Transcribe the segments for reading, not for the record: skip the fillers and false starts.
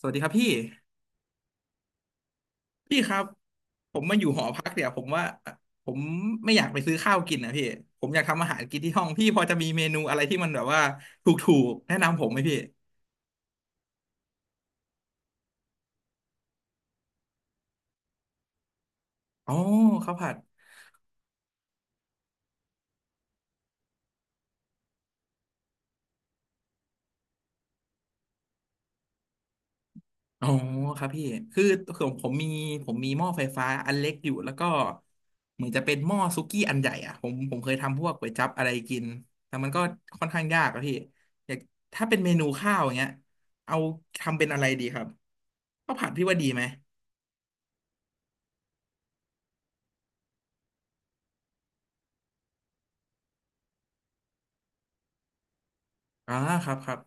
สวัสดีครับพี่พี่ครับผมมาอยู่หอพักเนี่ยผมว่าผมไม่อยากไปซื้อข้าวกินนะพี่ผมอยากทำอาหารกินที่ห้องพี่พอจะมีเมนูอะไรที่มันแบบว่าถูกๆแนะนำผมไหมพี่อ๋อข้าวผัดอ๋อครับพี่คือผมมีผมมีหม้อไฟฟ้าอันเล็กอยู่แล้วก็เหมือนจะเป็นหม้อซุกี้อันใหญ่อ่ะผมเคยทำพวกก๋วยจั๊บอะไรกินแต่มันก็ค่อนข้างยากอะพี่อยากถ้าเป็นเมนูข้าวอย่างเงี้ยเอาทำเป็นอะไรดีครับข้าวผัดพี่ว่าดีไหม อ่าครับครับ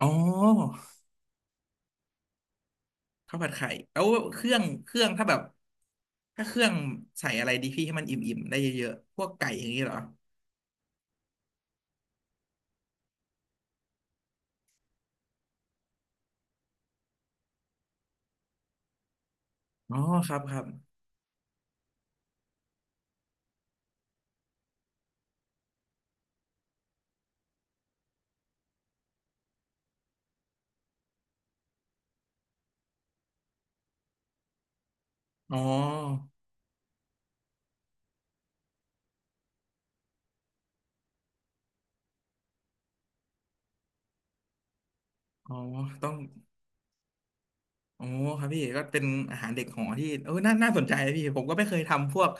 อ๋อข้าวผัดไข่เอาเครื่องเครื่องถ้าแบบถ้าเครื่องใส่อะไรดีพี่ให้มันอิ่มๆได้เยอะๆพวกไก่อย่างนี้เหรออ๋อครับครับอ๋ออ๋อต้องอ๋อครับพี่ก็เป็นอาหารเด็กหอที่เออน่าน่าสนใจนะพี่ผมก็ไม่เคยทำพวก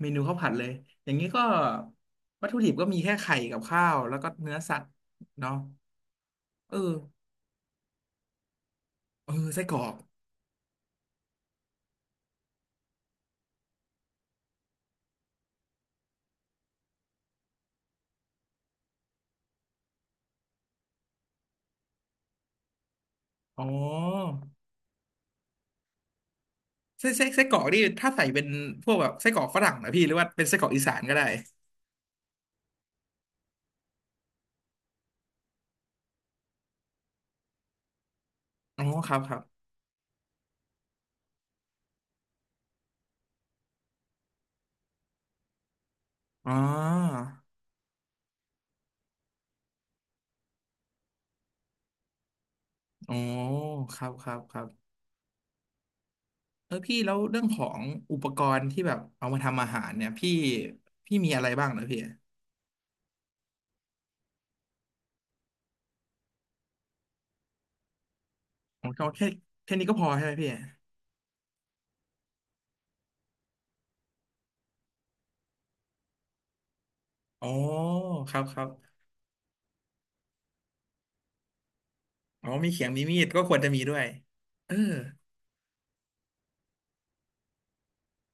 เมนูข้าวผัดเลยอย่างนี้ก็วัตถุดิบก็มีแค่ไข่กับข้าวแล้วก็เนื้อสัตว์เนาะเออเออไส้กรอกอ๋อ ไส้ไส้ไส้กรอกนี่ถ้าใส่เป็นพวกแบบไส้กรอกฝรั่งนะพี่หรือว่าเป็นไส้กรอกอีสานก็ได้อ๋อครับครับอ๋ออ๋อครับครับครับเออพี่แล้วเรื่องของอุปกรณ์ที่แบบเอามาทำอาหารเนี่ยพี่พี่มีอะไรบ้างนะพี่ผมก็แค่แค่นี้ก็พอใช่ไหมพี่อ๋อครับครับอ๋อมีเขียงมีมีดก็ควรจะมีด้วยเออ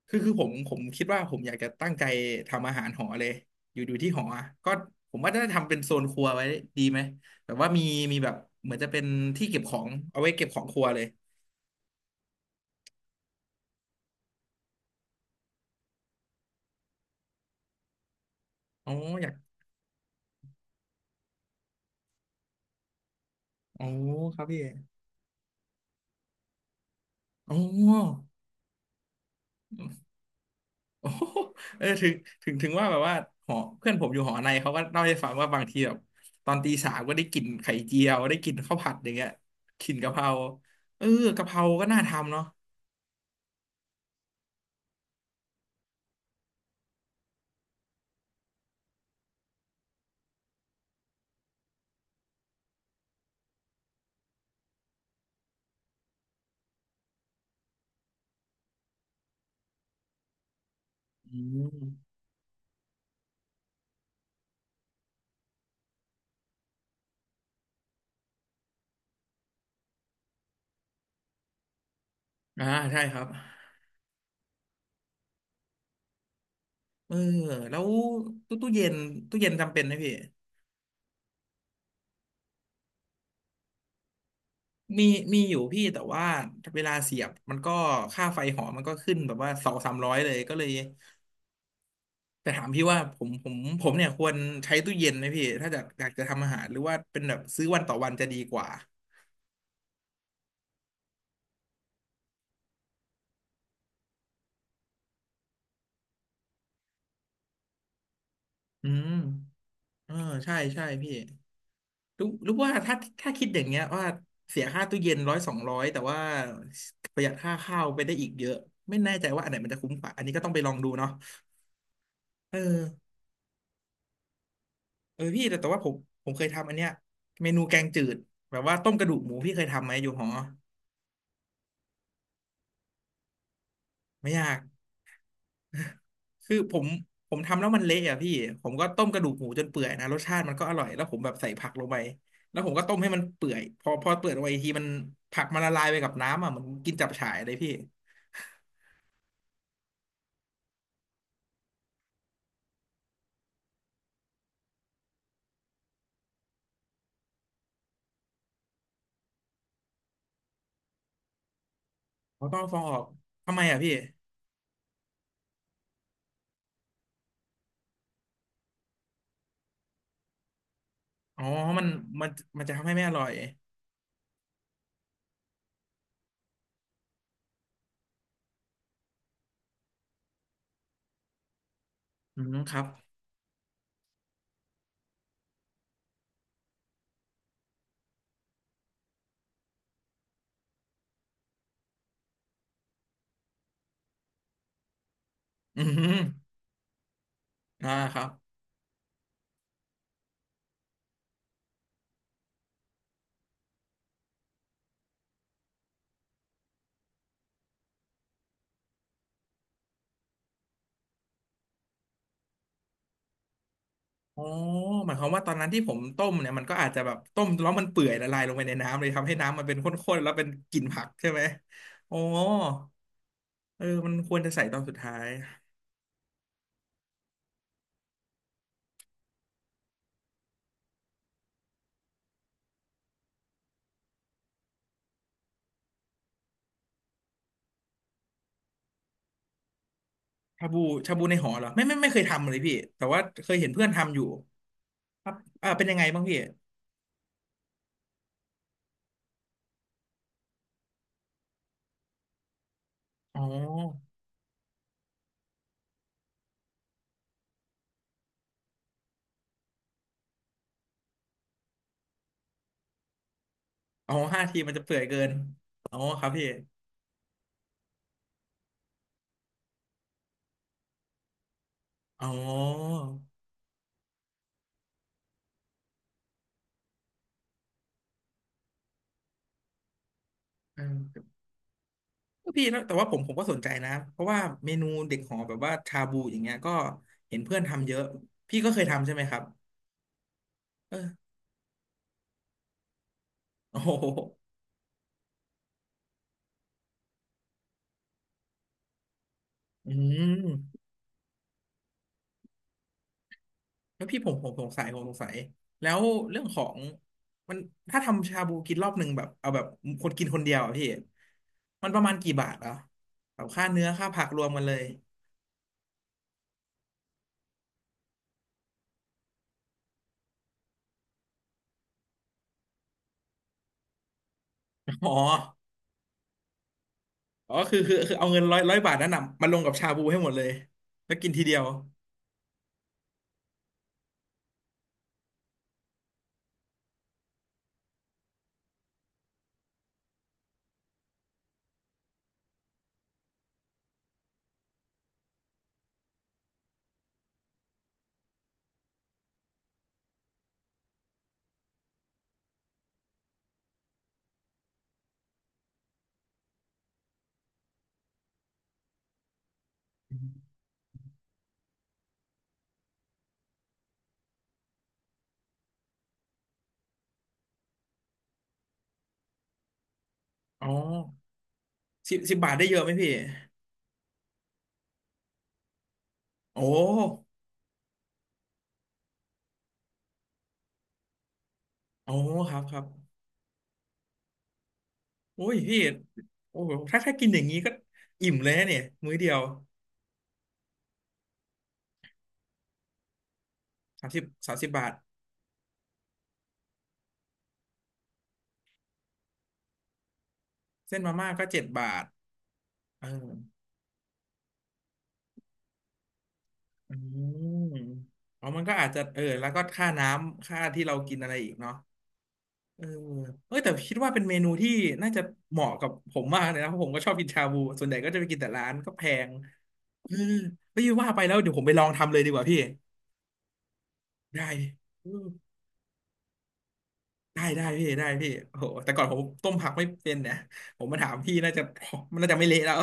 คือคือผมคิดว่าผมอยากจะตั้งใจทำอาหารหอเลยอยู่อยู่ที่หออะก็ผมว่าจะทำเป็นโซนครัวไว้ดีไหมแบบว่ามีมีแบบเหมือนจะเป็นที่เก็บของเอาไว้เก็บของครัวเลยอ๋ออยากอ๋อครับพี่อ๋อ โอ้โหเออถึงถึงถึงว่าแบบว่าหอเพื่อนผมอยู่หอในเขาก็เล่าให้ฟังว่าบางทีแบบตอนตี 3ก็ได้กลิ่นไข่เจียวได้กลิ่นข้าวผัดอย่างเงี้ยกลิ่นกะเพราเออกะเพราก็น่าทำเนาะอืมอ่าใช่ครับ เออแล้วตู้ตู้เย็นตู้เย็นจำเป็นไหมพี่มีมีอยู่พี่แต่ว่าเวลาเสียบมันก็ค่าไฟหอมันก็ขึ้นแบบว่าสองสามร้อยเลยก็เลยแต่ถามพี่ว่าผมผมเนี่ยควรใช้ตู้เย็นไหมพี่ถ้าจะอยากจะทำอาหารหรือว่าเป็นแบบซื้อวันต่อวันจะดีกว่าอืมเออใช่ใช่พี่รู้รู้ว่าถ้าถ้าคิดอย่างเงี้ยว่าเสียค่าตู้เย็นร้อยสองร้อยแต่ว่าประหยัดค่าข้าวไปได้อีกเยอะไม่แน่ใจว่าอันไหนมันจะคุ้มกว่าอันนี้ก็ต้องไปลองดูเนาะเออ เออพี่แต่แต่ว่าผมเคยทำอันเนี้ยเมนูแกงจืดแบบว่าต้มกระดูกหมูพี่เคยทำไหมอยู่หอไม่ยากคือผมทำแล้วมันเละอ่ะพี่ผมก็ต้มกระดูกหมูจนเปื่อยนะรสชาติมันก็อร่อยแล้วผมแบบใส่ผักลงไปแล้วผมก็ต้มให้มันเปื่อยพอพอเปื่อยลงไปอีกทีมันผักมันละลายไปกับน้ำอ่ะเหมันกินจับฉ่ายเลยพี่เขาต้องเอาฟองออกทำไมอ่ะพี่อ๋อมันมันมันจะทำให้ไม่อร่อยอืมครับอืมอ่าครับ อ๋อหมายความว่าตอนนั้นที่ผมต้มเนี่ยมันก็อาจจะแบบต้มแล้วมันเปื่อยละลายลงไปในน้ำเลยทำให้น้ำมันเป็นข้นๆแล้วเป็นกลิ่นผักใช่ไหมอ๋อเออมันควรจะใส่ตอนสุดท้ายชาบูชาบูในหอเหรอไม่ไม่ไม่เคยทำเลยพี่แต่ว่าเคยเห็นเพื่อนทำอยู่ครับอ่าเป็นยังไงบ้างพี่อ๋ออ๋อห้าทีมันจะเปื่อยเกินอ๋อครับพี่อ๋อเออพี่แล้วแต่ว่าผมก็สนใจนะเพราะว่าเมนูเด็กหอแบบว่าชาบูอย่างเงี้ยก็เห็นเพื่อนทำเยอะพี่ก็เคยทำใช่ไหมครับ เออ โอ้โหอืมแล้วพี่ผมสงสัยแล้วเรื่องของมันถ้าทำชาบูกินรอบหนึ่งแบบเอาแบบคนกินคนเดียวอะพี่มันประมาณกี่บาทอ่ะแบบค่าเนื้อค่าผักรวมกันเลย อ๋ออ๋อคือคือคือเอาเงินร้อยร้อยบาทนั้นน่ะมาลงกับชาบูให้หมดเลยแล้วกินทีเดียวอ๋อสิบสิบบาทได้เยอะไหมพี่โอ้โอ้ครับครับโอ้ยพี่โอ้โหถ้าถ้ากินอย่างนี้ก็อิ่มเลยนะเนี่ยมื้อเดียวสามสิบสามสิบบาท เส้นมาม่าก็7 บาทเอออืมอ๋อมันก็อาจจะเออแล้วก็ค่าน้ำค่าที่เรากินอะไรอีกเนาะเออเออแต่คิดว่าเป็นเมนูที่น่าจะเหมาะกับผมมากเลยนะเพราะผมก็ชอบกินชาบูส่วนใหญ่ก็จะไปกินแต่ร้านก็แพงเออไม่ว่าไปแล้วเดี๋ยวผมไปลองทำเลยดีกว่าพี่ ได้เออได้ได้พี่ได้พี่โอ้โหแต่ก่อนผมต้มผักไม่เป็นเนี่ยผมมาถามพี่น่าจะ มันน่าจะไม่เละแล้ว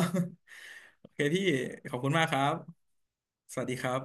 โอเคพี่ขอบคุณมากครับ สวัสดีครับ